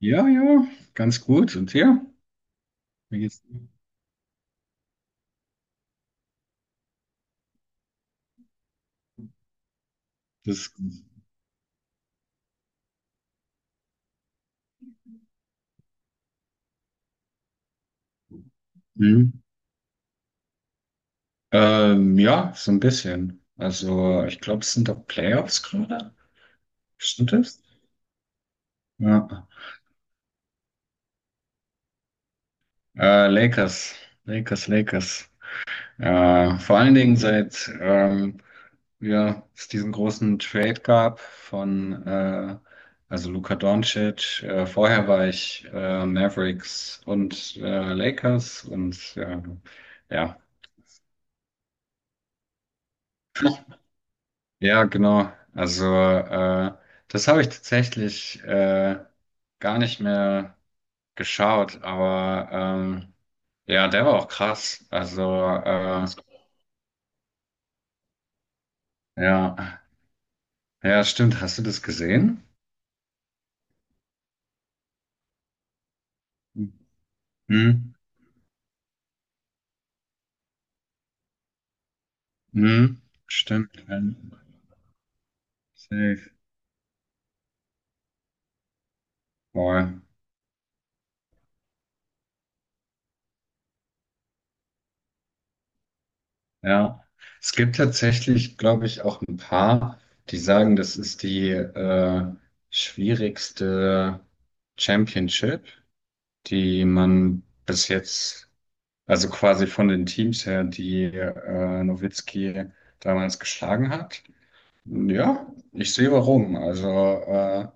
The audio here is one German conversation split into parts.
Ja, ja, ganz gut. Und ja, mir geht's das, mhm. Ja, so ein bisschen. Also, ich glaube, es sind doch Playoffs gerade. Stimmt das? Ja. Lakers, Lakers. Vor allen Dingen seit ja, es diesen großen Trade gab von also Luka Doncic. Vorher war ich Mavericks und Lakers und ja. Ja, genau. Also das habe ich tatsächlich gar nicht mehr geschaut, aber ja, der war auch krass. Also ja, ja, stimmt. Hast du das gesehen? Mhm. Mhm. Stimmt. Ja. Safe. Voll. Ja. Es gibt tatsächlich, glaube ich, auch ein paar, die sagen, das ist die schwierigste Championship, die man bis jetzt, also quasi von den Teams her, die Nowitzki damals geschlagen hat. Ja, ich sehe warum. Also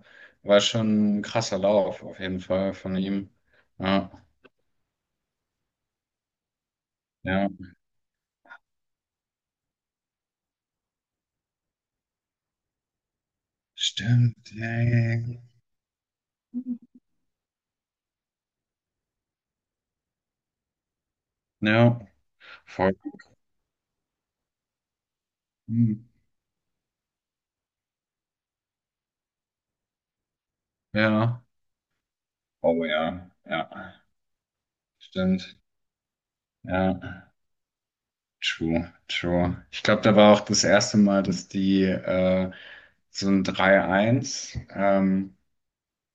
war schon ein krasser Lauf auf jeden Fall von ihm. Ja, ja. Stimmt. Yay. Ja, ja. Ja, voll. Hm. Ja. Oh ja, ja. Stimmt. Ja. True, true. Ich glaube, da war auch das erste Mal, dass die so ein 3-1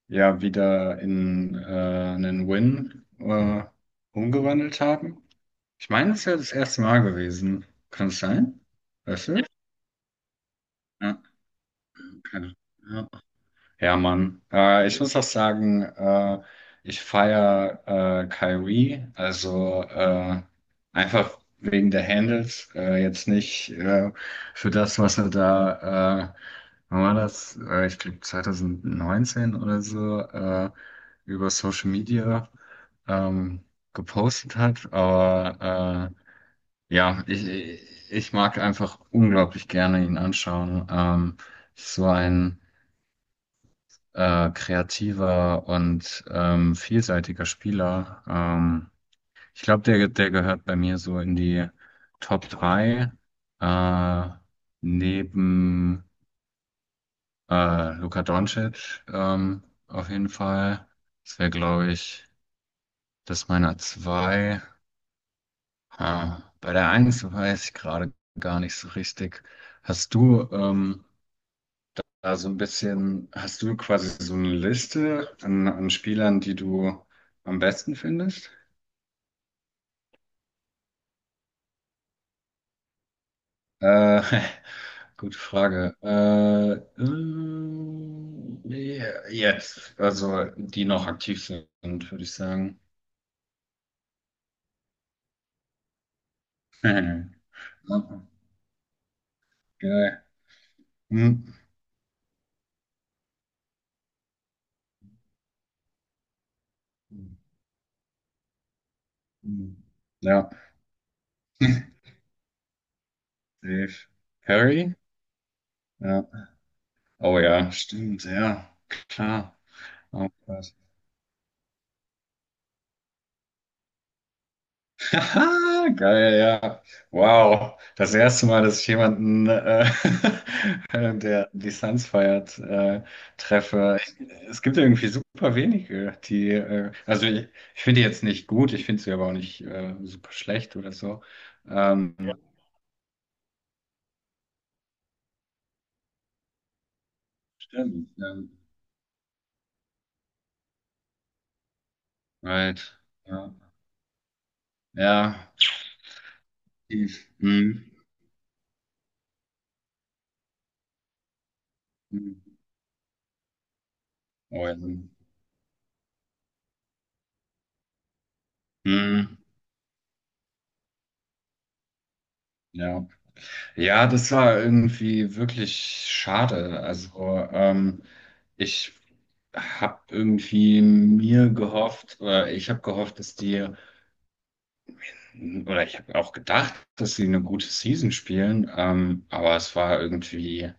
ja wieder in einen Win umgewandelt haben. Ich meine, das ist ja das erste Mal gewesen. Kann es sein? Weißt du? Ja, okay. Ja. Ja, Mann. Ich muss auch sagen, ich feiere Kyrie, also einfach wegen der Handles, jetzt nicht für das, was er da, wann war das? Ich glaube 2019 oder so, über Social Media ähm, gepostet hat, aber ja, ich mag einfach unglaublich gerne ihn anschauen. So ein kreativer und vielseitiger Spieler. Ich glaube, der gehört bei mir so in die Top 3 äh, neben Luka Doncic auf jeden Fall. Das wäre, glaube ich, das meiner zwei. Ah, bei der eins weiß ich gerade gar nicht so richtig. Hast du also ein bisschen, hast du quasi so eine Liste an, an Spielern, die du am besten findest? Äh, gute Frage. Ja, jetzt, also die noch aktiv sind, würde ich sagen. Geil. Hm. Hm. Ja, safe. Curry? Ja. Oh ja, stimmt, ja, klar. Oh, Gott. Haha, geil, ja. Wow, das erste Mal, dass ich jemanden, der die Suns feiert, treffe. Es gibt irgendwie super wenige, die, ich finde die jetzt nicht gut, ich finde sie aber auch nicht super schlecht oder so. Ja. Stimmt, right, ja, ja, tief, hm, hm, oh, ja, hm, ja. Ja, das war irgendwie wirklich schade. Also, ähm, ich habe irgendwie mir gehofft, oder ich habe gehofft, dass die, oder ich habe auch gedacht, dass sie eine gute Season spielen, aber es war irgendwie,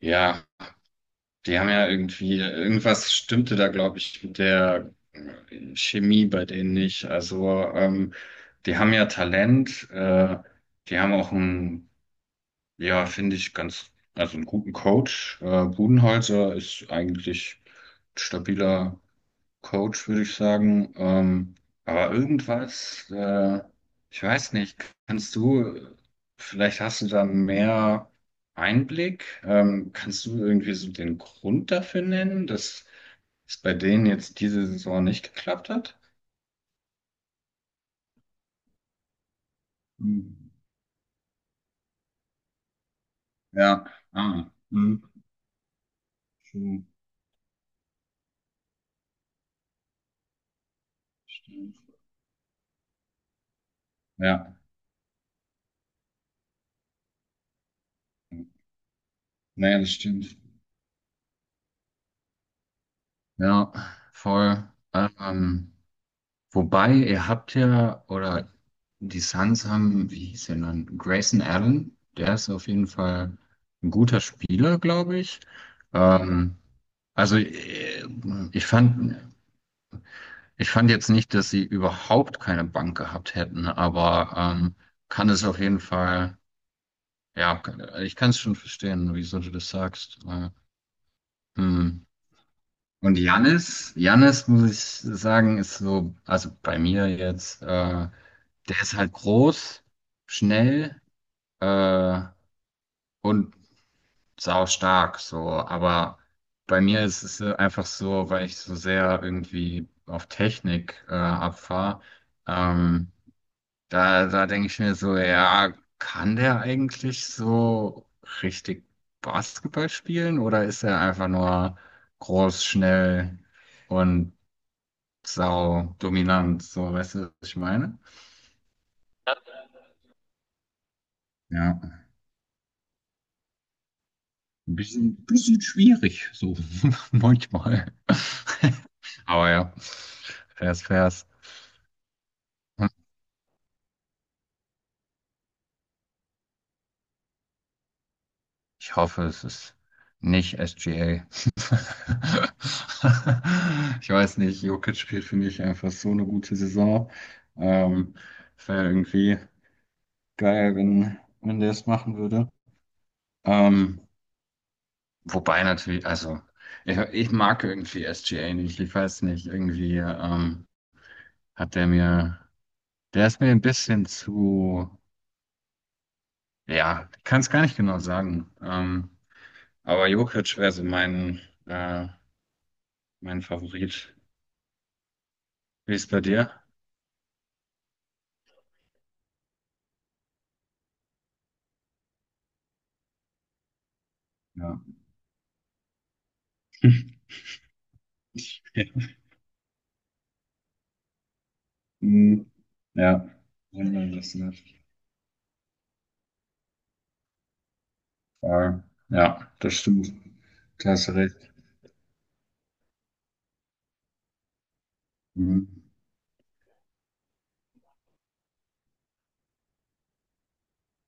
ja, die haben ja irgendwie, irgendwas stimmte da, glaube ich, mit der Chemie bei denen nicht. Also, die haben ja Talent, die haben auch einen, ja, finde ich, ganz, also einen guten Coach. Budenholzer ist eigentlich stabiler Coach, würde ich sagen. Aber irgendwas, ich weiß nicht, kannst du, vielleicht hast du da mehr Einblick, kannst du irgendwie so den Grund dafür nennen, dass es bei denen jetzt diese Saison nicht geklappt hat? Hm. Ja, ah, hm. Hm. Stimmt. Ja, naja, das stimmt. Ja, voll. Wobei, ihr habt ja, oder die Suns haben, wie hieß der dann? Grayson Allen, der ist auf jeden Fall ein guter Spieler, glaube ich. Ähm, also ich fand, ich fand jetzt nicht, dass sie überhaupt keine Bank gehabt hätten, aber kann es auf jeden Fall, ja, ich kann es schon verstehen, wieso du das sagst. Hm. Und Jannis, Jannis muss ich sagen, ist so, also bei mir jetzt, der ist halt groß, schnell äh, und saustark, so. Aber bei mir ist es einfach so, weil ich so sehr irgendwie auf Technik abfahre, ähm, da denke ich mir so, ja, kann der eigentlich so richtig Basketball spielen oder ist er einfach nur groß, schnell? Und sau dominant, so, weißt du, was ich meine? Ja, ein bisschen schwierig, so manchmal. Aber ja, fairs, fairs. Hm, ich hoffe, es ist nicht SGA. Ich weiß nicht, Jokic spielt für mich einfach so eine gute Saison. Ähm, wäre irgendwie geil, wenn der es machen würde. Ähm, wobei natürlich, ich mag irgendwie SGA nicht, ich weiß nicht, irgendwie. Hat der mir, der ist mir ein bisschen zu, ja, ich kann es gar nicht genau sagen. Aber Jokic wäre so mein, äh, mein Favorit. Wie ist bei dir? Ja. Hm. Ja. Wenn man das nicht. Äh, ja, das stimmt. Klasse recht. Mhm.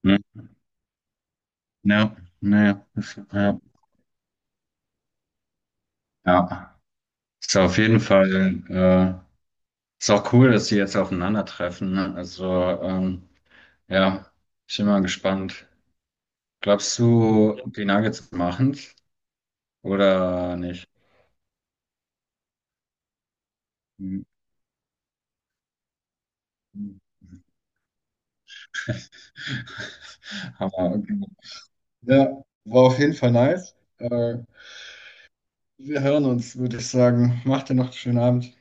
Hm. Ja, naja, das- ja. Ja. Ist auf jeden Fall, ist auch cool, dass die jetzt aufeinandertreffen, ne? Also, ähm, ja, ich bin mal gespannt. Glaubst du, die Nuggets machen's oder nicht? Hm. Aber okay. Ja, war auf jeden Fall nice. Wir hören uns, würde ich sagen. Macht dir noch einen schönen Abend.